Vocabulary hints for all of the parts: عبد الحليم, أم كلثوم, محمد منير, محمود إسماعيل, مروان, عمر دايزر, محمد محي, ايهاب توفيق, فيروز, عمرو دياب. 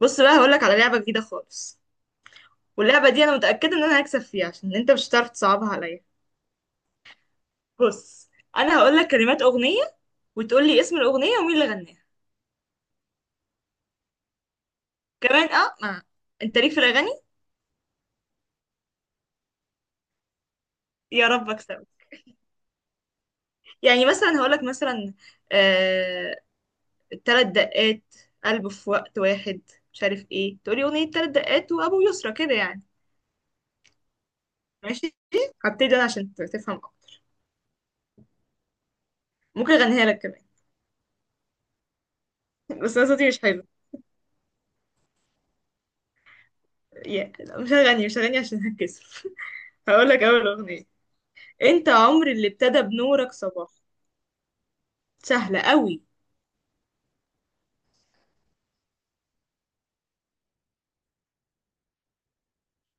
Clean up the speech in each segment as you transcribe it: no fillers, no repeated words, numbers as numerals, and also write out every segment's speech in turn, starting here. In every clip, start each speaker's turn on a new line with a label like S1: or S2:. S1: بص بقى هقولك على لعبة جديدة خالص. واللعبة دي انا متأكدة ان انا هكسب فيها عشان انت مش هتعرف تصعبها عليا. بص، انا هقولك كلمات اغنية وتقولي اسم الاغنية ومين اللي غناها. كمان اه ما. انت ليك في الاغاني؟ يا رب اكسبك. يعني مثلا هقولك مثلا آه... تلات دقات قلب في وقت واحد. مش عارف ايه، تقولي اغنية تلات دقات وابو يسرى كده يعني. ماشي، هبتدي انا عشان تفهم اكتر. ممكن اغنيها لك كمان. بس انا صوتي مش حلو. يا لا، مش هغني، مش هغني عشان هتكسف. هقولك اول اغنية: انت عمر اللي ابتدى بنورك صباح. سهلة قوي.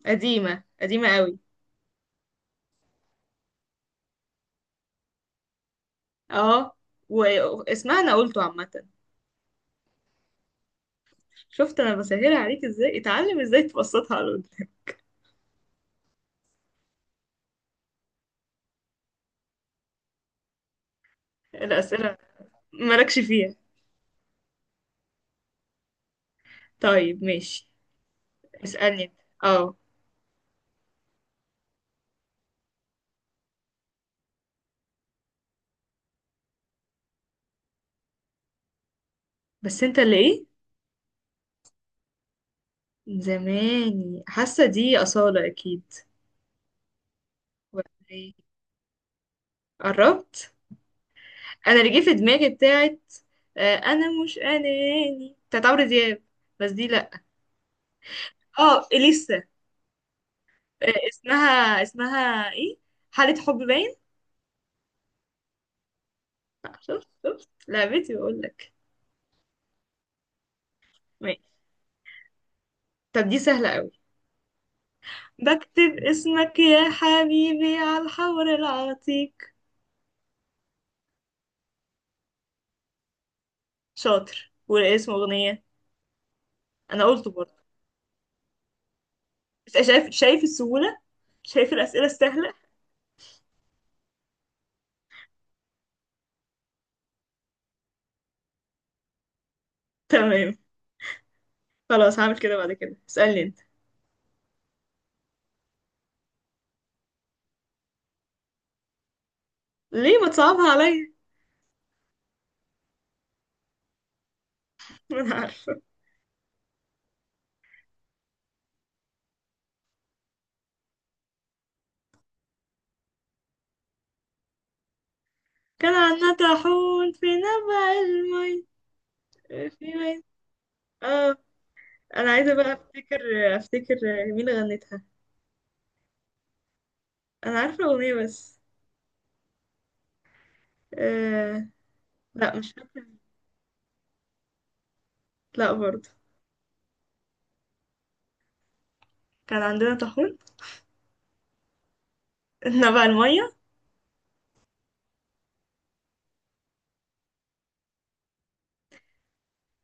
S1: قديمة قديمة قوي. اه، واسمها انا قلته عامة. شفت انا بسهلها عليك ازاي، اتعلم ازاي تبسطها على الأرض. الأسئلة مالكش فيها. طيب ماشي، اسألني انت. اه. بس انت اللي ايه؟ زماني، حاسة دي أصالة اكيد. ولا ايه؟ قربت؟ انا اللي جه في دماغي بتاعت انا مش اناني، بتاعت عمرو دياب، بس دي لا. اه، اليسا. اسمها اسمها ايه؟ حالة حب، باين. شفت، شفت لعبتي بقول لك. ماشي. طب دي سهلة قوي: بكتب اسمك يا حبيبي على الحور العتيق. شاطر، والاسم أغنية. أنا قلته برضه. بس شايف، شايف السهولة؟ شايف الأسئلة السهلة؟ تمام. خلاص، هعمل كده بعد كده، اسألني انت. ليه ما تصعبها عليا؟ ما انا عارفة. كان عنا طاحون في نبع المي، في مي. اه، انا عايزة بقى افتكر، افتكر مين غنتها. انا عارفه الاغنيه بس. آه... لا مش فاكره، لا برضه. كان عندنا طاحون. احنا بقى الميه،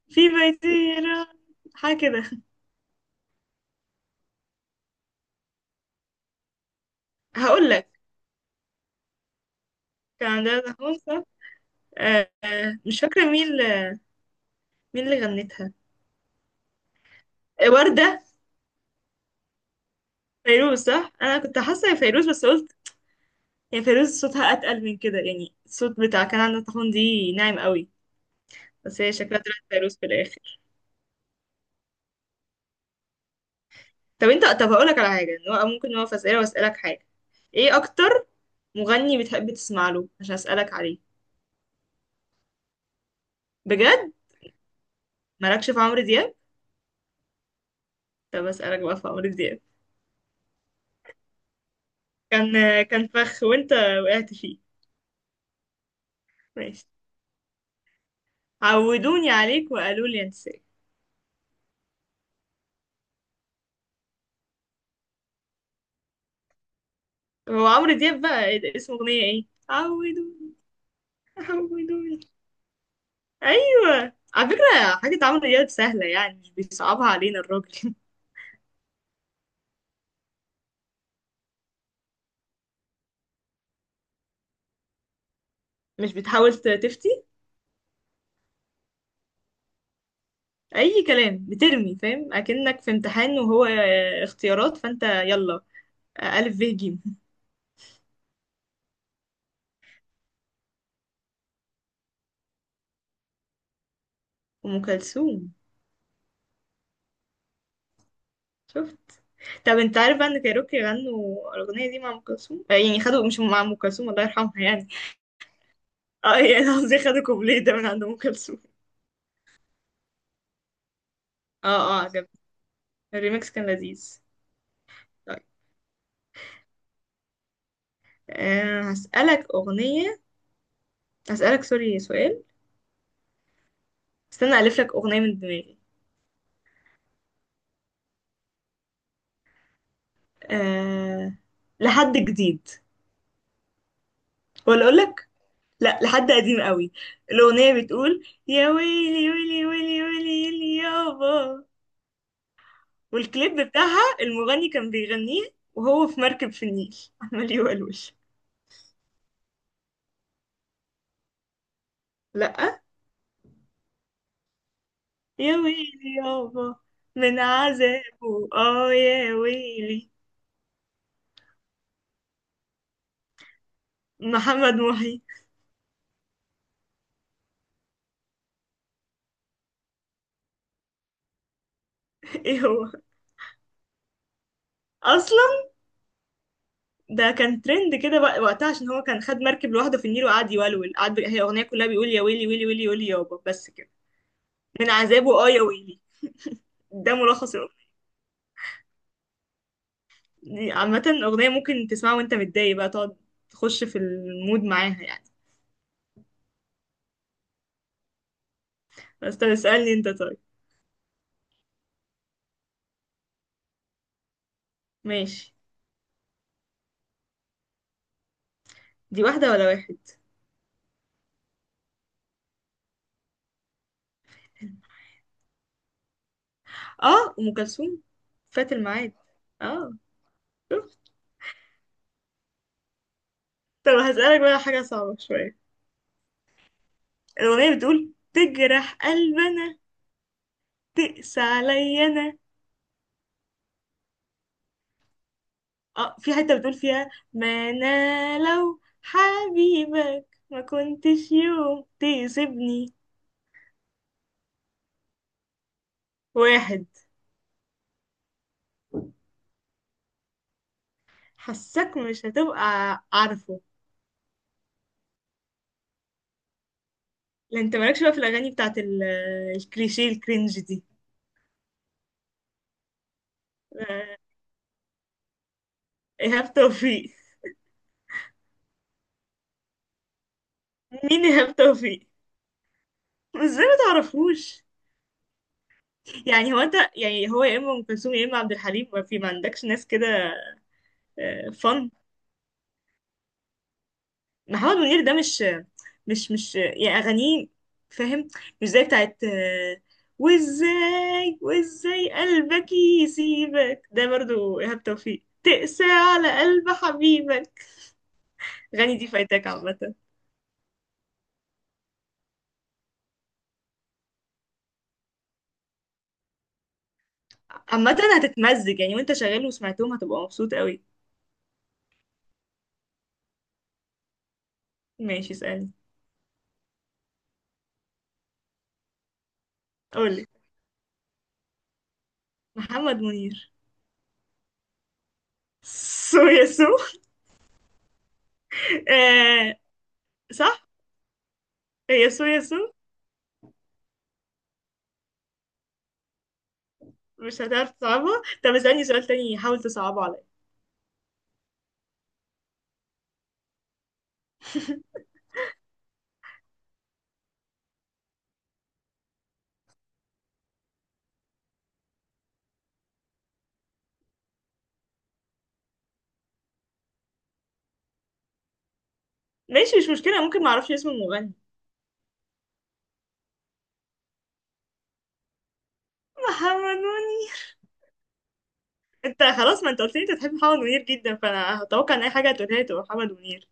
S1: في بيتيرة، حاجه كده. هقول لك، كان عندنا طاحون صح. آه... آه، مش فاكره مين اللي... مين اللي غنتها. آه، ورده؟ فيروز صح، انا كنت حاسه هي فيروز بس قلت هي فيروز صوتها اتقل من كده، يعني الصوت بتاع كان عندنا طاحون دي ناعم قوي. بس هي شكلها طلعت فيروز في الاخر. طب انت، طب هقول لك على حاجه، إن هو ممكن نقف اسئله واسالك حاجه. ايه اكتر مغني بتحب تسمع له عشان اسالك عليه؟ بجد؟ مالكش في عمرو دياب؟ طب اسالك بقى في عمرو دياب. كان، كان فخ وانت وقعت فيه. ماشي، عودوني عليك وقالوا لي انساك. هو عمرو دياب بقى ايه ده؟ اسم اغنيه ايه؟ عودوني، عودوني. ايوه، على فكره حاجه عمرو دياب سهله يعني، مش بيصعبها علينا الراجل. مش بتحاول تفتي، اي كلام بترمي، فاهم؟ اكنك في امتحان وهو اختيارات، فانت يلا: الف، ب، ج. ام كلثوم. شفت؟ طب انت عارف بقى ان كايروكي غنوا الاغنيه دي مع ام كلثوم؟ يعني خدوا، مش مع ام كلثوم الله يرحمها يعني. اه يعني قصدي خدوا كوبليه ده من عند ام كلثوم. اه، اه، عجبني الريميكس، كان لذيذ. طيب. أه، هسألك أغنية، هسألك سوري سؤال. استنى ألف لك أغنية من دماغي. أه. لحد جديد ولا أقول لك؟ لا، لحد قديم قوي. الأغنية بتقول: يا ويلي ويلي ويلي ويلي ويلي يابا. والكليب بتاعها المغني كان بيغنيه وهو في مركب في النيل، عمال يولول. لا، يا ويلي يابا، من عذابه اه يا ويلي. محمد محي. ايه هو اصلا؟ ده كان ترند كده بقى وقتها عشان هو كان خد مركب لوحده في النيل وقعد يولول، قعد، هي اغنيه كلها بيقول يا ويلي ويلي ويلي ويلي يابا، بس كده، من عذابه اه يا ويلي. ده ملخص. عامة أغنية ممكن تسمعها وأنت متضايق بقى، تقعد تخش في المود معاها يعني. بس طب اسألني أنت. طيب ماشي. دي واحدة ولا واحد؟ اه، أم كلثوم، فات الميعاد. اه. شفت؟ طب هسألك بقى حاجة صعبة شوية. الأغنية بتقول: تجرح قلبنا، تقسى عليا أنا. اه، في حتة بتقول فيها: ما أنا لو حبيبك ما كنتش يوم تسيبني. واحد. حسك مش هتبقى عارفه. لا انت مالكش بقى في الاغاني بتاعت الكليشيه الكرنج دي. آه، ايهاب توفيق. مين ايهاب توفيق؟ ازاي ما تعرفوش؟ يعني هو انت، يعني هو يا اما ام كلثوم يا اما عبد الحليم، ما في، ما عندكش ناس كده فن؟ محمد منير. ده مش، مش يعني اغانيه، فاهم؟ مش زي بتاعت وازاي، وازاي قلبك يسيبك، ده برضو ايهاب توفيق. تقسى على قلب حبيبك، غني دي فايتك عامة. عامة هتتمزج يعني وانت شغال وسمعتهم، هتبقى مبسوط قوي. ماشي، اسألني. قولي. محمد منير، سو يا سو. آه صح، هي سو يا سو. مش هتعرف تصعبها. طب اسألني سؤال تاني، حاول تصعبه عليا. ماشي، مش مشكلة، ممكن معرفش اسم المغني. محمد منير. انت خلاص، ما انت قلت لي انت بتحب محمد منير جدا، فانا هتوقع ان اي حاجة هتقولها لي تبقى محمد منير.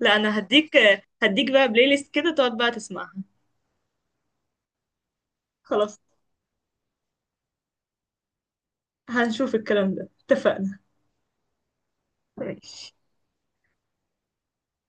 S1: لا انا هديك، هديك بقى بلاي ليست كده تقعد بقى تسمعها. خلاص. هنشوف الكلام ده، اتفقنا؟ ماشي.